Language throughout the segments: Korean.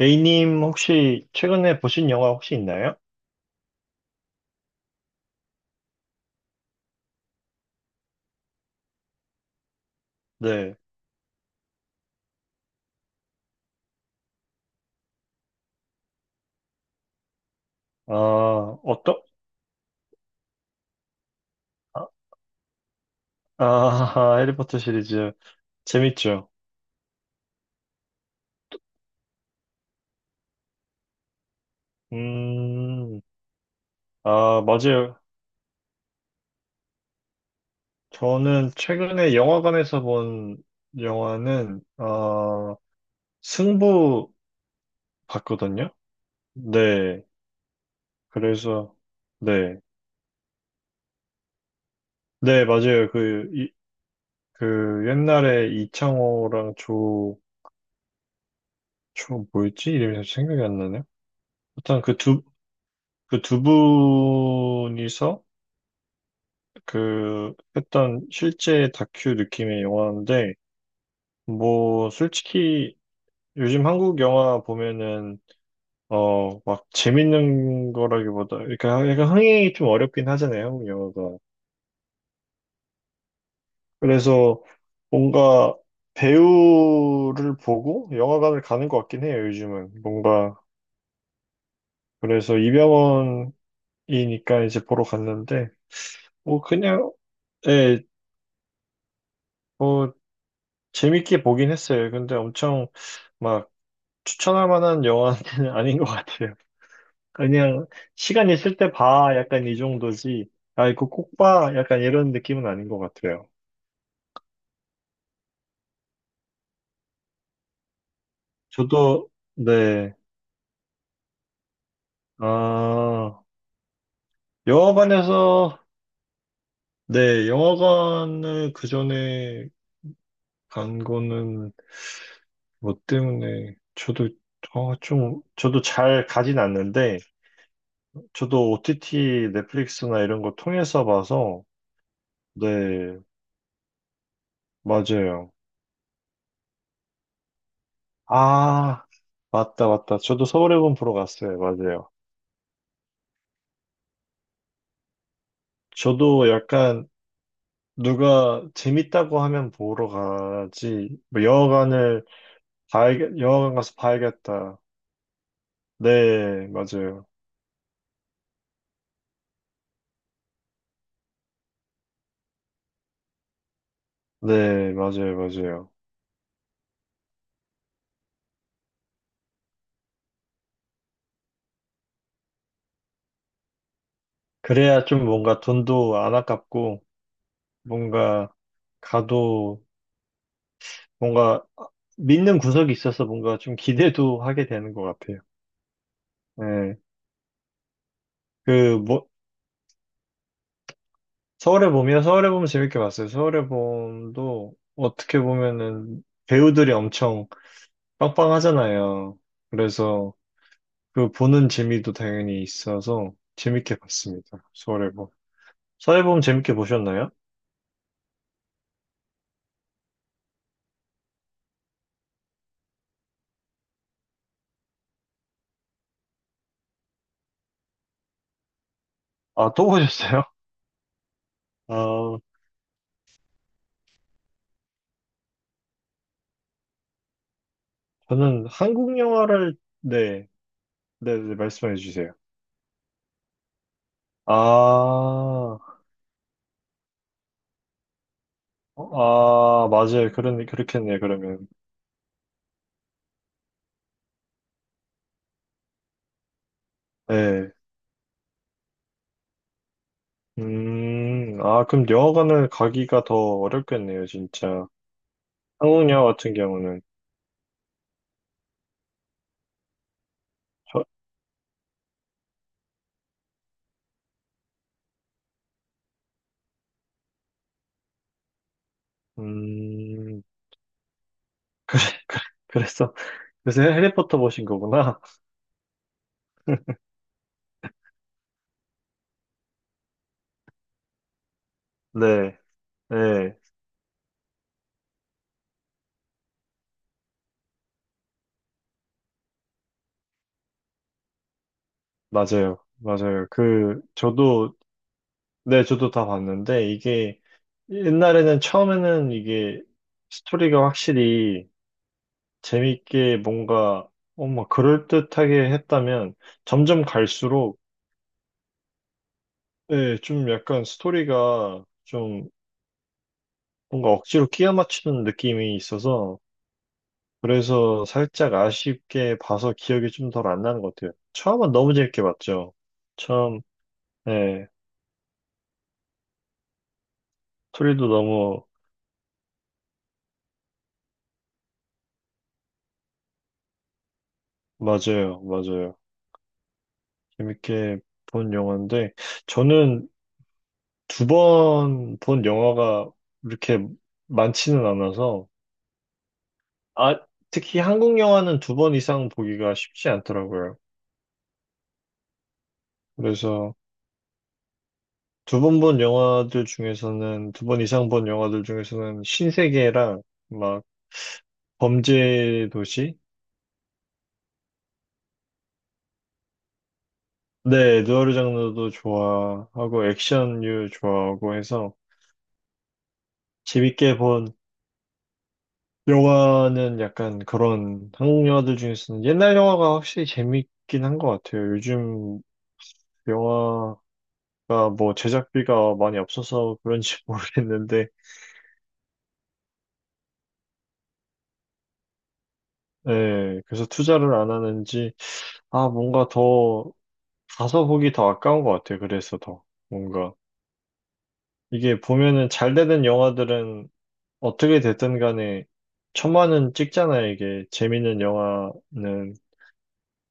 A님 혹시 최근에 보신 영화 혹시 있나요? 네. 아, 어떠? 아, 아, 해리포터 시리즈 재밌죠? 음, 아, 맞아요. 저는 최근에 영화관에서 본 영화는 승부 봤거든요. 네. 그래서 네. 네, 맞아요. 그, 이, 그 옛날에 이창호랑 조, 조 뭐였지? 이름이 잘 생각이 안 나네요. 일단 그 두, 그 두 분이서 그 했던 실제 다큐 느낌의 영화인데 뭐 솔직히 요즘 한국 영화 보면은 막 재밌는 거라기보다 그러니까 약간 흥행이 좀 어렵긴 하잖아요. 한국 영화가. 그래서 뭔가 배우를 보고 영화관을 가는 것 같긴 해요. 요즘은 뭔가 그래서 이병헌이니까 이제 보러 갔는데 뭐 그냥 예뭐 재밌게 보긴 했어요. 근데 엄청 막 추천할 만한 영화는 아닌 것 같아요. 그냥 시간 있을 때 봐. 약간 이 정도지. 아, 이거 꼭 봐. 약간 이런 느낌은 아닌 것 같아요. 저도, 네. 아, 영화관에서, 네. 영화관을 그전에 간 거는 뭐 때문에 저도 좀, 저도 잘 가진 않는데, 저도 OTT, 넷플릭스나 이런 거 통해서 봐서, 네, 맞아요. 아, 맞다, 맞다. 저도 서울의 봄 보러 갔어요. 맞아요. 저도 약간 누가 재밌다고 하면 보러 가지, 뭐 영화관을 봐야, 영화관 가서 봐야겠다. 네, 맞아요. 네, 맞아요, 맞아요. 그래야 좀 뭔가 돈도 안 아깝고, 뭔가 가도 뭔가 믿는 구석이 있어서 뭔가 좀 기대도 하게 되는 것 같아요. 네. 그, 뭐, 서울의 봄이요? 서울의 봄 재밌게 봤어요. 서울의 봄도 어떻게 보면은 배우들이 엄청 빵빵하잖아요. 그래서 그 보는 재미도 당연히 있어서 재밌게 봤습니다. 서울의 봄. 서울의 봄 재밌게 보셨나요? 아, 또 보셨어요? 아, 저는 한국 영화를, 네, 네, 네, 말씀해 주세요. 아, 아, 맞아요. 그런, 그렇겠네요, 그러면. 네. 아, 그럼 영화관을 가기가 더 어렵겠네요, 진짜. 성우녀 같은 경우는 저, 음 그래 그래 그랬어 그래서 해리포터 보신 거구나. 네. 네 맞아요 맞아요 그 저도 네 저도 다 봤는데 이게 옛날에는 처음에는 이게 스토리가 확실히 재밌게 뭔가 어머 그럴듯하게 했다면 점점 갈수록 네, 좀 약간 스토리가 좀 뭔가 억지로 끼워 맞추는 느낌이 있어서 그래서 살짝 아쉽게 봐서 기억이 좀 덜 안 나는 것 같아요. 처음은 너무 재밌게 봤죠. 처음, 예, 소리도 너무, 맞아요, 맞아요. 재밌게 본 영화인데, 저는 두 번 본 영화가 이렇게 많지는 않아서, 아, 특히 한국 영화는 두 번 이상 보기가 쉽지 않더라고요. 그래서 두 번 본 영화들 중에서는, 두 번 이상 본 영화들 중에서는 신세계랑 막 범죄 도시, 네, 누아르 장르도 좋아하고 액션류 좋아하고 해서 재밌게 본 영화는 약간 그런 한국 영화들 중에서는 옛날 영화가 확실히 재밌긴 한 것 같아요. 요즘 영화가 뭐 제작비가 많이 없어서 그런지 모르겠는데, 네, 그래서 투자를 안 하는지, 아, 뭔가 더 가서 보기 더 아까운 것 같아요. 그래서 더 뭔가 이게 보면은 잘 되는 영화들은 어떻게 됐든 간에 천만은 찍잖아요, 이게. 재밌는 영화는.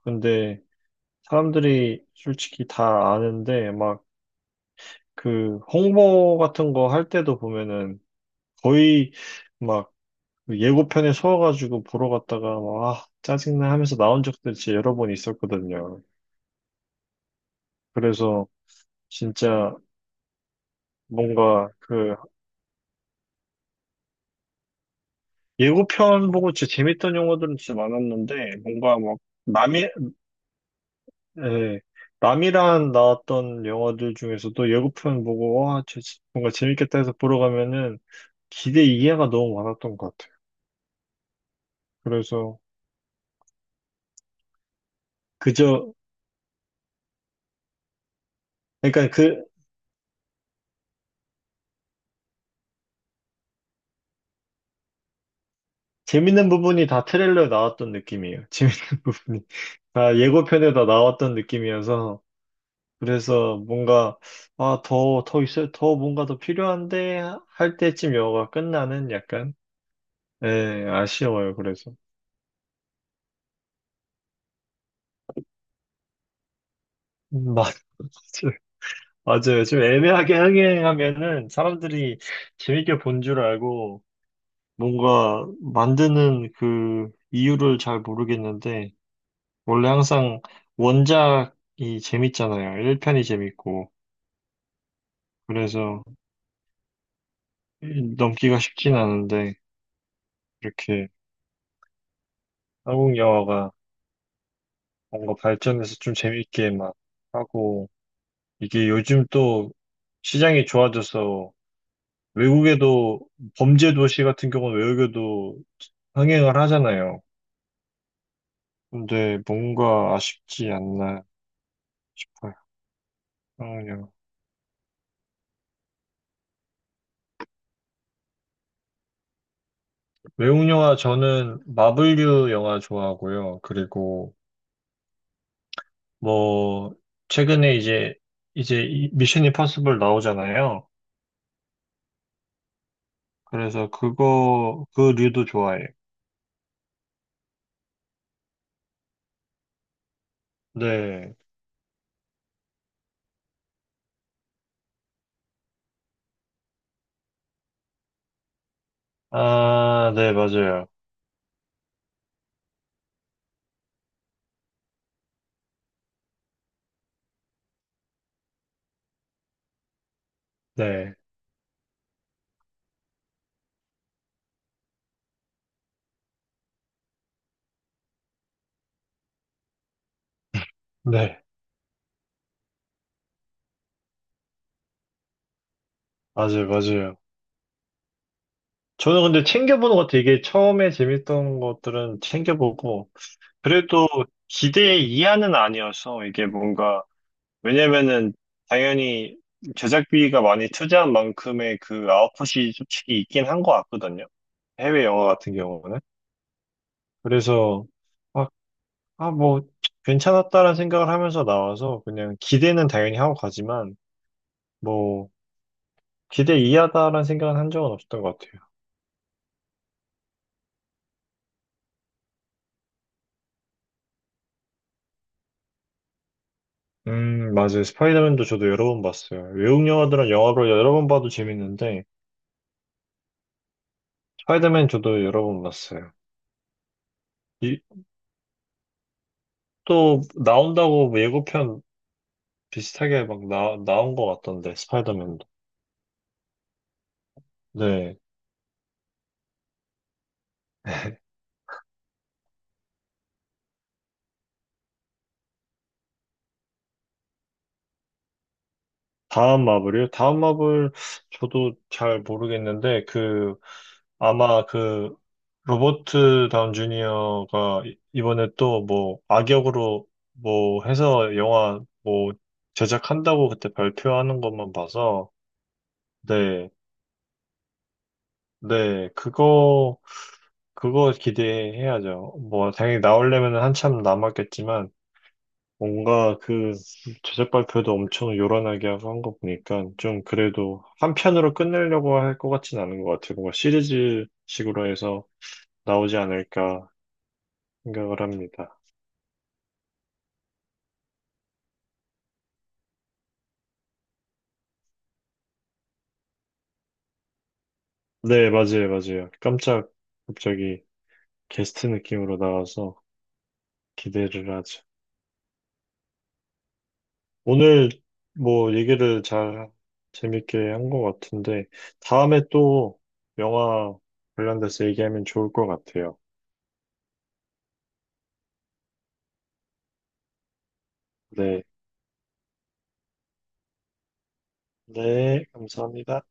근데 사람들이 솔직히 다 아는데 막 그 홍보 같은 거 할 때도 보면은 거의 막그 예고편에 서아가지고 보러 갔다가 막 아, 짜증나 하면서 나온 적도 진짜 여러 번 있었거든요. 그래서 진짜 뭔가 그 예고편 보고 진짜 재밌던 영화들은 진짜 많았는데 뭔가 막 남이 예, 남이란 나왔던 영화들 중에서도 예고편 보고, 와, 쟤 뭔가 재밌겠다 해서 보러 가면은 기대 이해가 너무 많았던 것 같아요. 그래서 그저, 그러니까 그 재밌는 부분이 다 트레일러에 나왔던 느낌이에요. 재밌는 부분이. 다 예고편에 다 나왔던 느낌이어서. 그래서 뭔가, 아, 더, 더 있어요. 더 뭔가 더 필요한데 할 때쯤 영화가 끝나는 약간, 예, 아쉬워요. 그래서. 맞 맞아요. 좀 애매하게 흥행하면은 사람들이 재밌게 본 줄 알고 뭔가 만드는 그 이유를 잘 모르겠는데 원래 항상 원작이 재밌잖아요. 1편이 재밌고 그래서 넘기가 쉽진 않은데 이렇게 한국 영화가 뭔가 발전해서 좀 재밌게 막 하고 이게 요즘 또 시장이 좋아져서 외국에도 범죄 도시 같은 경우는 외국에도 흥행을 하잖아요. 근데 뭔가 아쉽지 않나 싶어요. 상황요 외국 영화 저는 마블류 영화 좋아하고요. 그리고 뭐 최근에 이제 이제 이 미션 임파서블 나오잖아요. 그래서 그거 그 류도 좋아해요. 네. 아, 네, 맞아요. 네. 네. 맞아요, 맞아요. 저는 근데 챙겨보는 것 같아요. 이게 처음에 재밌던 것들은 챙겨보고, 그래도 기대 이하는 아니어서 이게 뭔가 왜냐면은 당연히 제작비가 많이 투자한 만큼의 그 아웃풋이 솔직히 있긴 한 것 같거든요. 해외 영화 같은 경우는. 그래서 막, 아, 뭐, 괜찮았다라는 생각을 하면서 나와서 그냥 기대는 당연히 하고 가지만 뭐, 기대 이하다라는 생각은 한 적은 없었던 것 같아요. 맞아요. 스파이더맨도 저도 여러 번 봤어요. 외국 영화들은 영화로 여러 번 봐도 재밌는데, 스파이더맨 저도 여러 번 봤어요. 이, 또 나온다고 뭐 예고편 비슷하게 막 나온 것 같던데, 스파이더맨도. 네. 다음 마블이요? 다음 마블, 저도 잘 모르겠는데, 그, 아마 그, 로버트 다운 주니어가 이번에 또 뭐, 악역으로 뭐 해서 영화 뭐, 제작한다고 그때 발표하는 것만 봐서, 네. 네. 그거, 그거 기대해야죠. 뭐, 당연히 나오려면 한참 남았겠지만, 뭔가 그 제작 발표도 엄청 요란하게 하고 한 거 보니까 좀 그래도 한 편으로 끝내려고 할 것 같진 않은 것 같아요. 뭔가 시리즈식으로 해서 나오지 않을까 생각을 합니다. 네, 맞아요, 맞아요. 깜짝 갑자기 게스트 느낌으로 나와서 기대를 하죠. 오늘 뭐 얘기를 잘 재밌게 한 것 같은데 다음에 또 영화 관련돼서 얘기하면 좋을 것 같아요. 네, 네, 감사합니다.